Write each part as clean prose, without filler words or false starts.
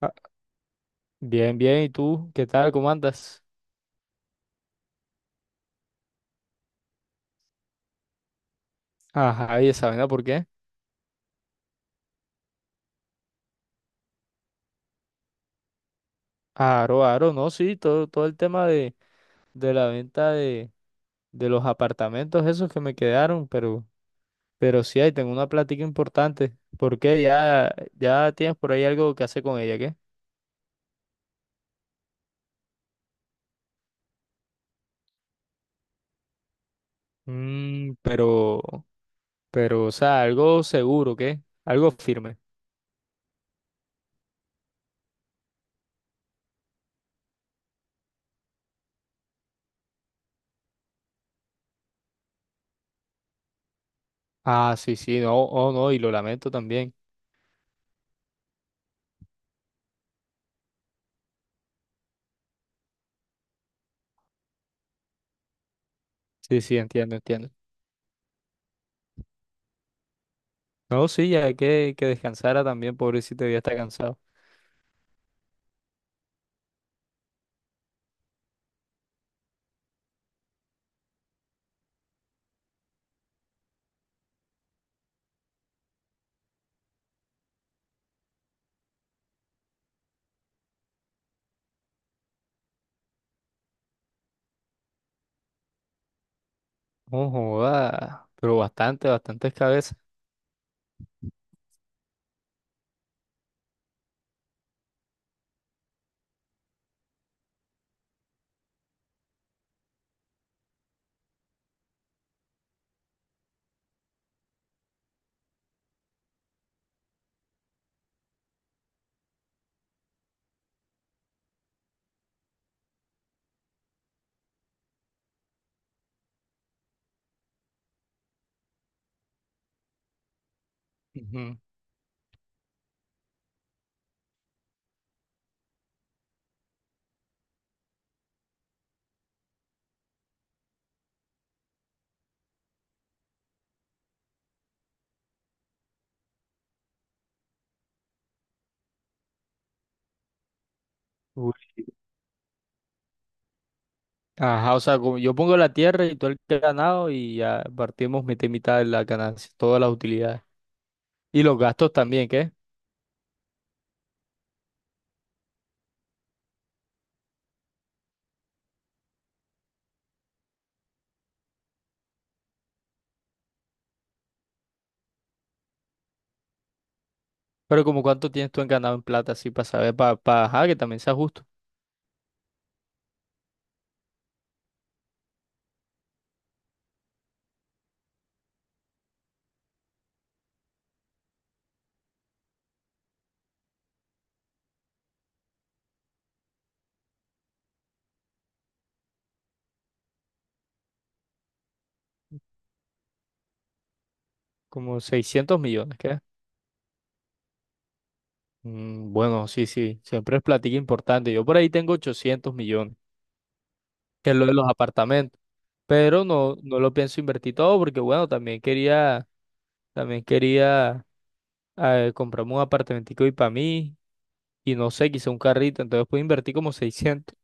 Ah, bien, bien. ¿Y tú? ¿Qué tal? ¿Cómo andas? Ajá, ¿y esa vaina por qué? Aro, aro, no, sí, todo el tema de, la venta de los apartamentos esos que me quedaron, pero sí, ahí tengo una plática importante. ¿Por qué? Ya, ya tienes por ahí algo que hacer con ella, ¿qué? Mm, pero, pero, o sea, algo seguro, ¿qué? Algo firme. Ah, sí, sí, no, oh, no, y lo lamento también. Sí, sí, entiendo, entiendo. No, sí, ya hay que descansara también, pobrecito, ya está cansado. No joda, pero bastante, bastantes cabezas. Ujú. Uy. Ajá, o sea, como yo pongo la tierra y todo el ganado y ya partimos mitad y mitad de la ganancia, todas las utilidades. Y los gastos también, ¿qué? Pero como cuánto tienes tú en ganado en plata, así para saber, para, ajá, que también sea justo. Como 600 millones, ¿qué? Mm, bueno, sí, sí, siempre es platica importante. Yo por ahí tengo 800 millones, que es lo de los apartamentos. Pero no, no lo pienso invertir todo porque, bueno, también quería, también quería. Compramos un apartamentico y para mí, y no sé, quizá un carrito, entonces puedo invertir como 600.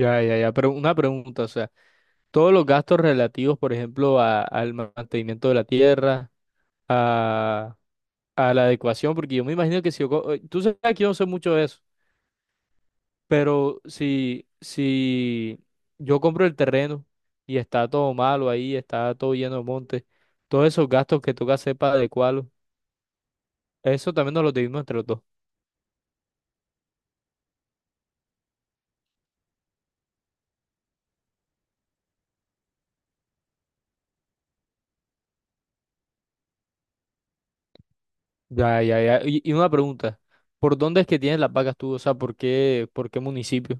Ya, ya, ya, pero una pregunta, o sea, todos los gastos relativos, por ejemplo, al mantenimiento de la tierra, a, a, la adecuación, porque yo me imagino que si yo, tú sabes que yo no sé mucho de eso, pero si yo compro el terreno y está todo malo ahí, está todo lleno de monte, todos esos gastos que toca hacer para adecuarlo, eso también nos los dividimos entre los dos. Ya, ya, ya. Y una pregunta, ¿por dónde es que tienes las vacas tú? O sea, ¿por qué, municipio?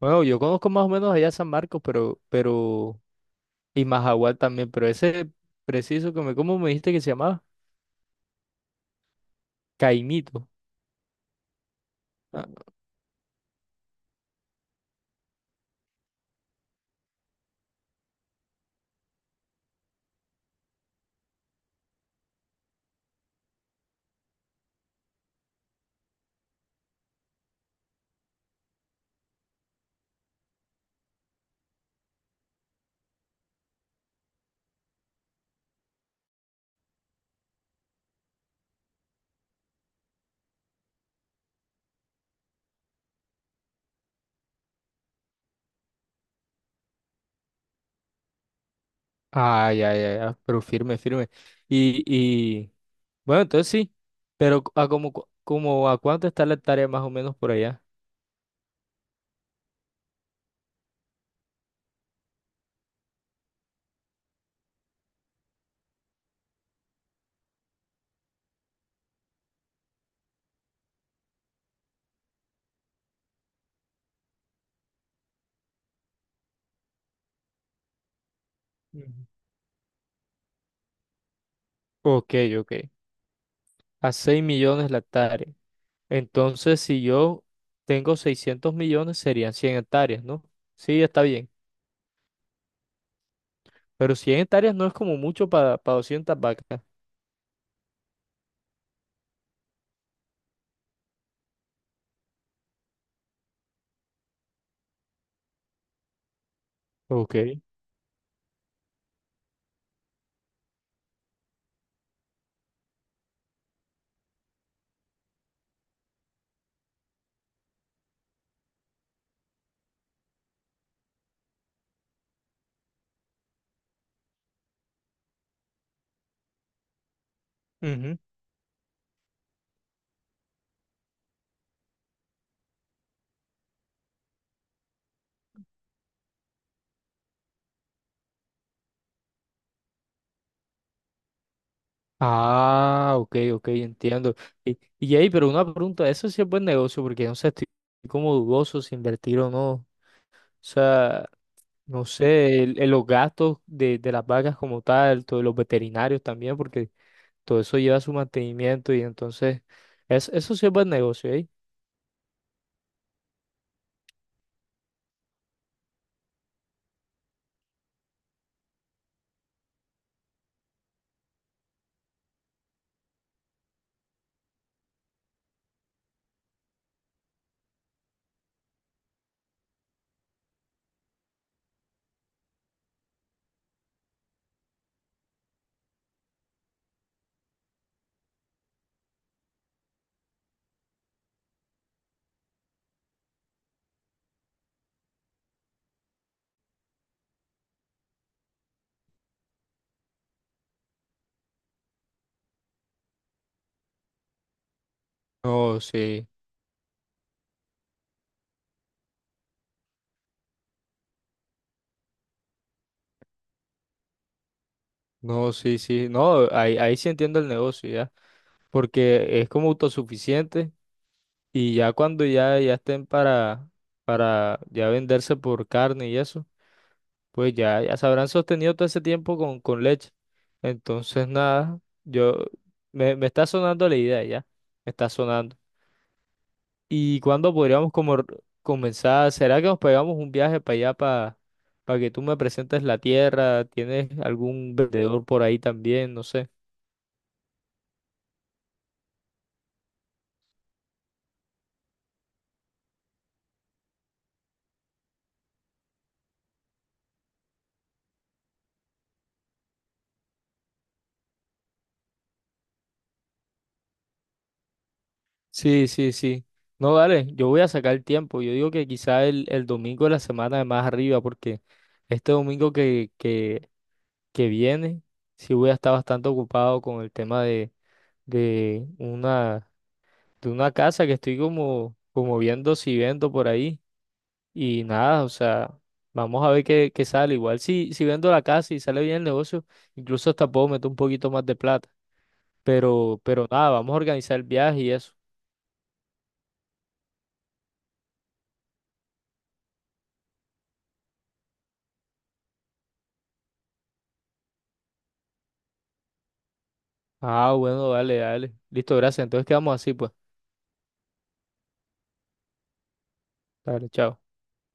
Bueno, yo conozco más o menos allá San Marcos, pero, y Majagual también, pero ese preciso que me, ¿cómo me dijiste que se llamaba? Caimito. Ah, ah, ya, ya, ya, pero firme, firme. Y, bueno, entonces sí, pero como a cuánto está la hectárea más o menos por allá. Ujú. Ok, ok. A 6 millones la hectárea. Entonces, si yo tengo 600 millones, serían 100 hectáreas, ¿no? Sí, está bien. Pero 100 hectáreas no es como mucho para 200 vacas. Ok. Ujú. Ah, ok, ok, entiendo. Y ahí, pero una pregunta, eso sí es buen negocio, porque no sé, estoy como dudoso si invertir o no. O sea, no sé, los gastos de, las vacas como tal, todos los veterinarios también, porque todo eso lleva su mantenimiento y entonces, eso sí es buen negocio, ¿eh? No, sí. No, sí, sí, no, ahí sí entiendo el negocio ya, porque es como autosuficiente y ya cuando ya, ya estén para, ya venderse por carne y eso, pues ya, ya se habrán sostenido todo ese tiempo con leche. Entonces, nada, me está sonando la idea ya, me está sonando. ¿Y cuándo podríamos como comenzar? ¿Será que nos pegamos un viaje para allá, para que tú me presentes la tierra? ¿Tienes algún vendedor por ahí también? No sé. Sí, sí, sí. No, dale, yo voy a sacar el tiempo. Yo digo que quizá el, domingo de la semana de más arriba, porque este domingo que viene, sí voy a estar bastante ocupado con el tema de una, de una casa que estoy como viendo si vendo por ahí. Y nada, o sea, vamos a ver qué, sale. Igual si vendo la casa y sale bien el negocio, incluso hasta puedo meter un poquito más de plata. Pero nada, vamos a organizar el viaje y eso. Ah, bueno, dale, dale. Listo, gracias. Entonces quedamos así, pues. Dale, chao.